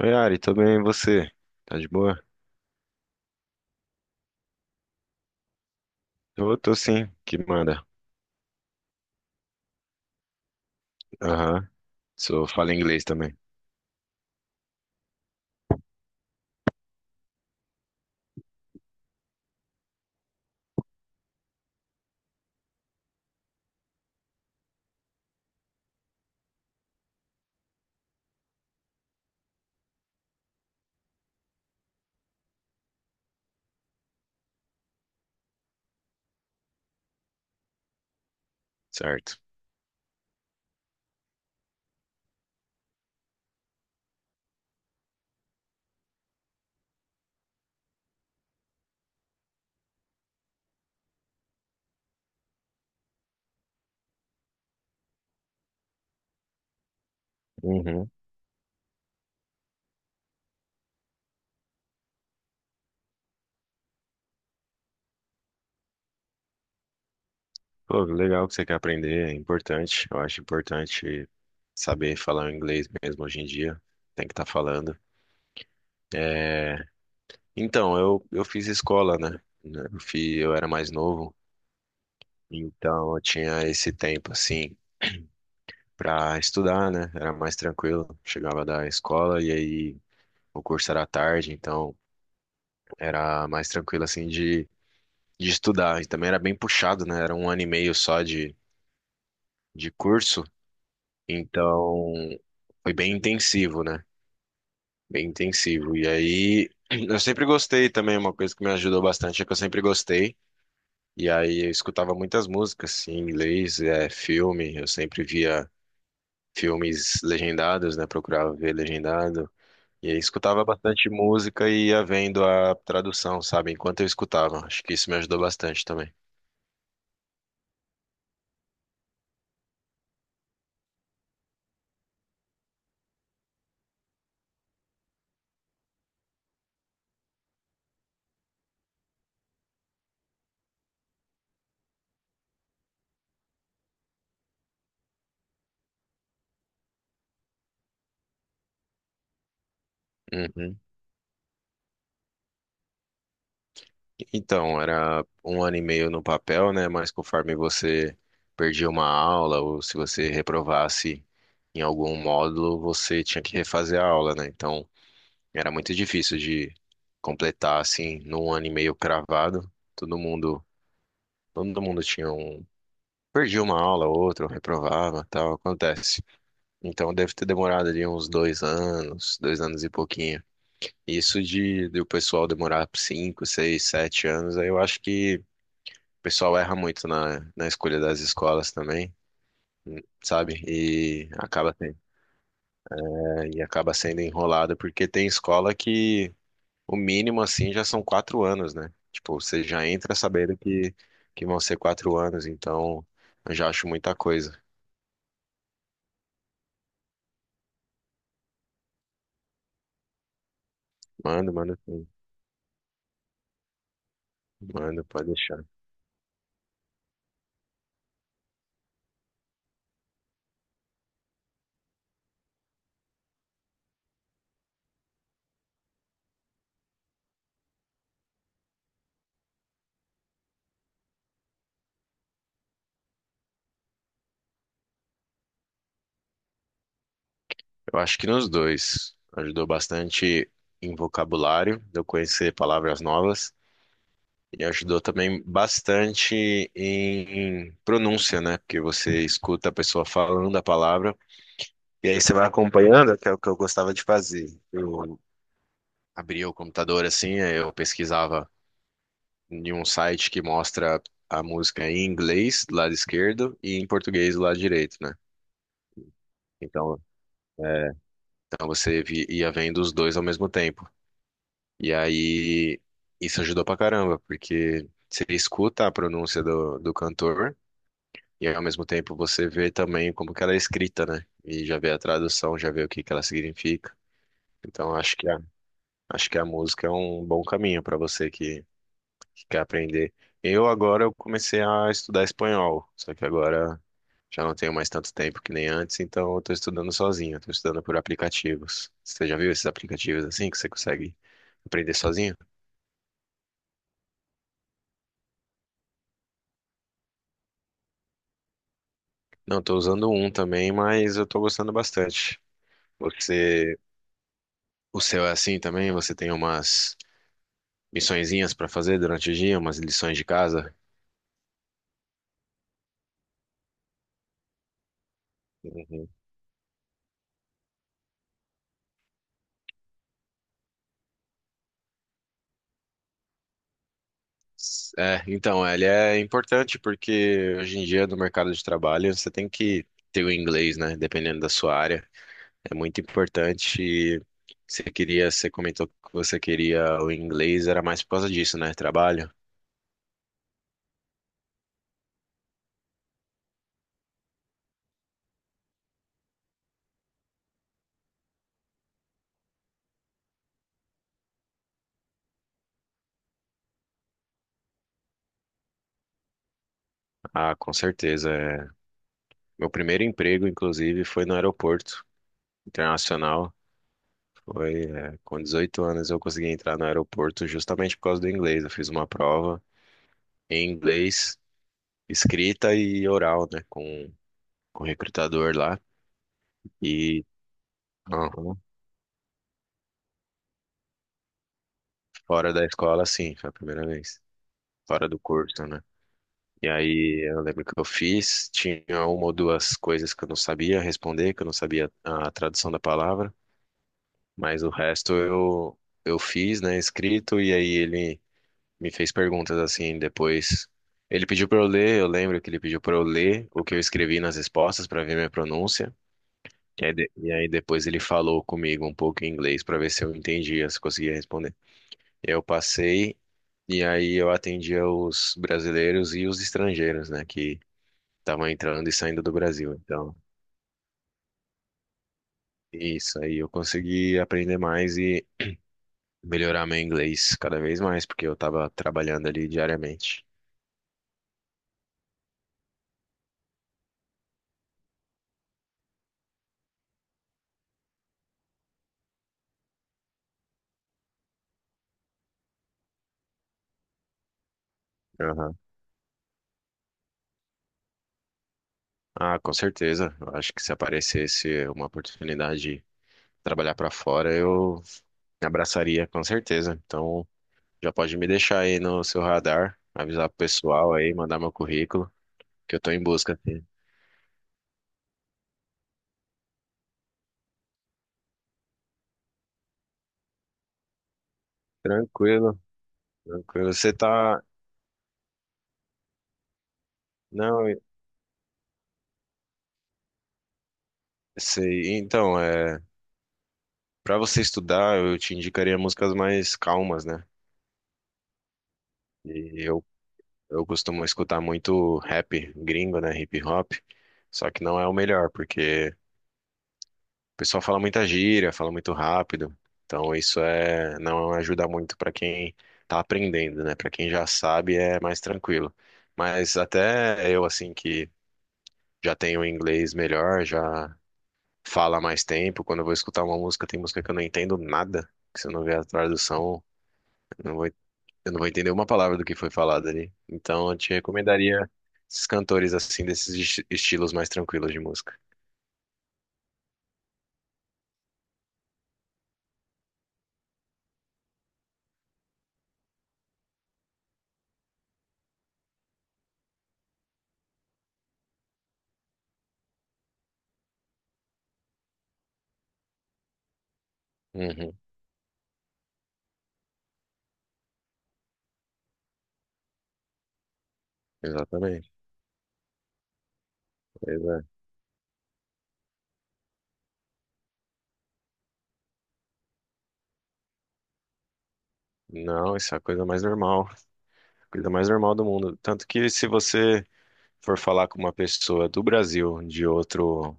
Oi, Ari, tudo bem? E você? Tá de boa? Eu tô sim, que manda. Aham, sou, falo inglês também, certo? Uhum. Pô, legal que você quer aprender, é importante. Eu acho importante saber falar o inglês mesmo hoje em dia. Tem que estar falando. É, Então, eu fiz escola, né? Né, eu era mais novo, então eu tinha esse tempo, assim, pra estudar, né? Era mais tranquilo. Chegava da escola e aí o curso era à tarde, então... Era mais tranquilo, assim, de estudar. E também era bem puxado, né? Era um ano e meio só de curso. Então, foi bem intensivo, né? Bem intensivo. E aí, eu sempre gostei também, uma coisa que me ajudou bastante é que eu sempre gostei. E aí, eu escutava muitas músicas assim, em inglês, filme. Eu sempre via filmes legendados, né? Procurava ver legendado. E aí, escutava bastante música e ia vendo a tradução, sabe? Enquanto eu escutava. Acho que isso me ajudou bastante também. Uhum. Então, era um ano e meio no papel, né? Mas conforme você perdia uma aula ou se você reprovasse em algum módulo, você tinha que refazer a aula, né? Então, era muito difícil de completar assim num ano e meio cravado. Todo mundo tinha um, perdia uma aula, outra, ou reprovava, tal, acontece. Então, deve ter demorado ali uns dois anos e pouquinho. Isso de o pessoal demorar cinco, seis, sete anos, aí eu acho que o pessoal erra muito na escolha das escolas também, sabe? E é, e acaba sendo enrolado, porque tem escola que o mínimo assim já são quatro anos, né? Tipo, você já entra sabendo que vão ser quatro anos, então eu já acho muita coisa. Mando, mando, sim. Mando, pode deixar. Eu acho que nos dois ajudou bastante em vocabulário, de eu conhecer palavras novas. E ajudou também bastante em pronúncia, né? Porque você escuta a pessoa falando a palavra e aí você vai acompanhando, que é o que eu gostava de fazer. Eu abria o computador assim, aí eu pesquisava em um site que mostra a música em inglês do lado esquerdo e em português do lado direito, né? Então, então ia vendo os dois ao mesmo tempo. E aí isso ajudou pra caramba, porque você escuta a pronúncia do cantor. E ao mesmo tempo você vê também como que ela é escrita, né? E já vê a tradução, já vê o que que ela significa. Então acho que a música é um bom caminho para que quer aprender. Eu agora eu comecei a estudar espanhol, só que agora já não tenho mais tanto tempo que nem antes, então eu tô estudando sozinho, eu tô estudando por aplicativos. Você já viu esses aplicativos assim que você consegue aprender sozinho? Não, tô usando um também, mas eu tô gostando bastante. Você, o seu é assim também? Você tem umas missõezinhas para fazer durante o dia, umas lições de casa. Uhum. É, então, ele é importante porque hoje em dia no mercado de trabalho você tem que ter o inglês, né? Dependendo da sua área, é muito importante. E você queria, você comentou que você queria o inglês, era mais por causa disso, né? Trabalho? Ah, com certeza. É. Meu primeiro emprego, inclusive, foi no aeroporto internacional. Foi, é, com 18 anos eu consegui entrar no aeroporto justamente por causa do inglês. Eu fiz uma prova em inglês escrita e oral, né, com o recrutador lá. E aham, fora da escola, sim, foi a primeira vez. Fora do curso, né? E aí eu lembro que eu fiz, tinha uma ou duas coisas que eu não sabia responder, que eu não sabia a tradução da palavra, mas o resto eu fiz, né, escrito, e aí ele me fez perguntas assim depois. Ele pediu para eu ler, eu lembro que ele pediu para eu ler o que eu escrevi nas respostas para ver minha pronúncia. E aí, e aí depois ele falou comigo um pouco em inglês para ver se eu entendia, se conseguia responder. Eu passei e aí eu atendia os brasileiros e os estrangeiros, né, que estavam entrando e saindo do Brasil. Então, isso aí eu consegui aprender mais e melhorar meu inglês cada vez mais, porque eu estava trabalhando ali diariamente. Aham. Ah, com certeza. Eu acho que se aparecesse uma oportunidade de trabalhar para fora, eu abraçaria com certeza. Então, já pode me deixar aí no seu radar, avisar pro pessoal aí, mandar meu currículo, que eu tô em busca aqui. Tranquilo, tranquilo. Você tá. Não, sei. Então, é. Pra você estudar, eu te indicaria músicas mais calmas, né? E eu, eu costumo escutar muito rap gringo, né? Hip hop. Só que não é o melhor, porque o pessoal fala muita gíria, fala muito rápido. Então isso é não ajuda muito para quem tá aprendendo, né? Para quem já sabe é mais tranquilo. Mas até eu assim que já tenho um inglês melhor, já falo há mais tempo, quando eu vou escutar uma música, tem música que eu não entendo nada, que se eu não ver a tradução, eu não vou, eu não vou entender uma palavra do que foi falado ali. Então eu te recomendaria esses cantores assim desses estilos mais tranquilos de música. Uhum, exatamente. Pois é. Não, isso é a coisa mais normal. Coisa mais normal do mundo. Tanto que se você for falar com uma pessoa do Brasil, de outro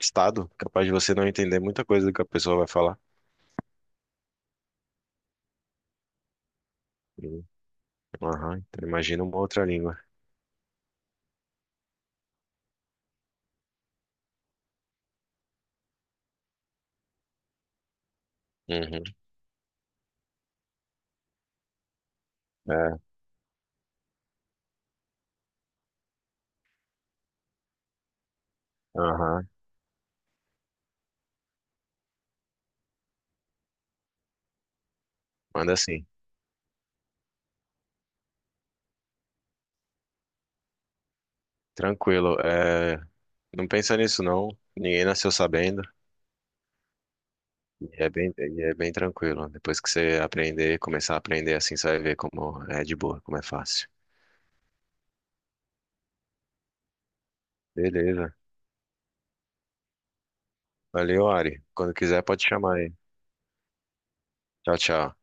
estado, capaz de você não entender muita coisa do que a pessoa vai falar. Uhum. Aham, então imagina uma outra língua. Uhum. É, aham. Manda assim. Tranquilo. É, não pensa nisso, não. Ninguém nasceu sabendo. E é bem tranquilo. Depois que você aprender, começar a aprender assim, você vai ver como é de boa, como é fácil. Beleza. Valeu, Ari. Quando quiser, pode chamar aí. Tchau, tchau.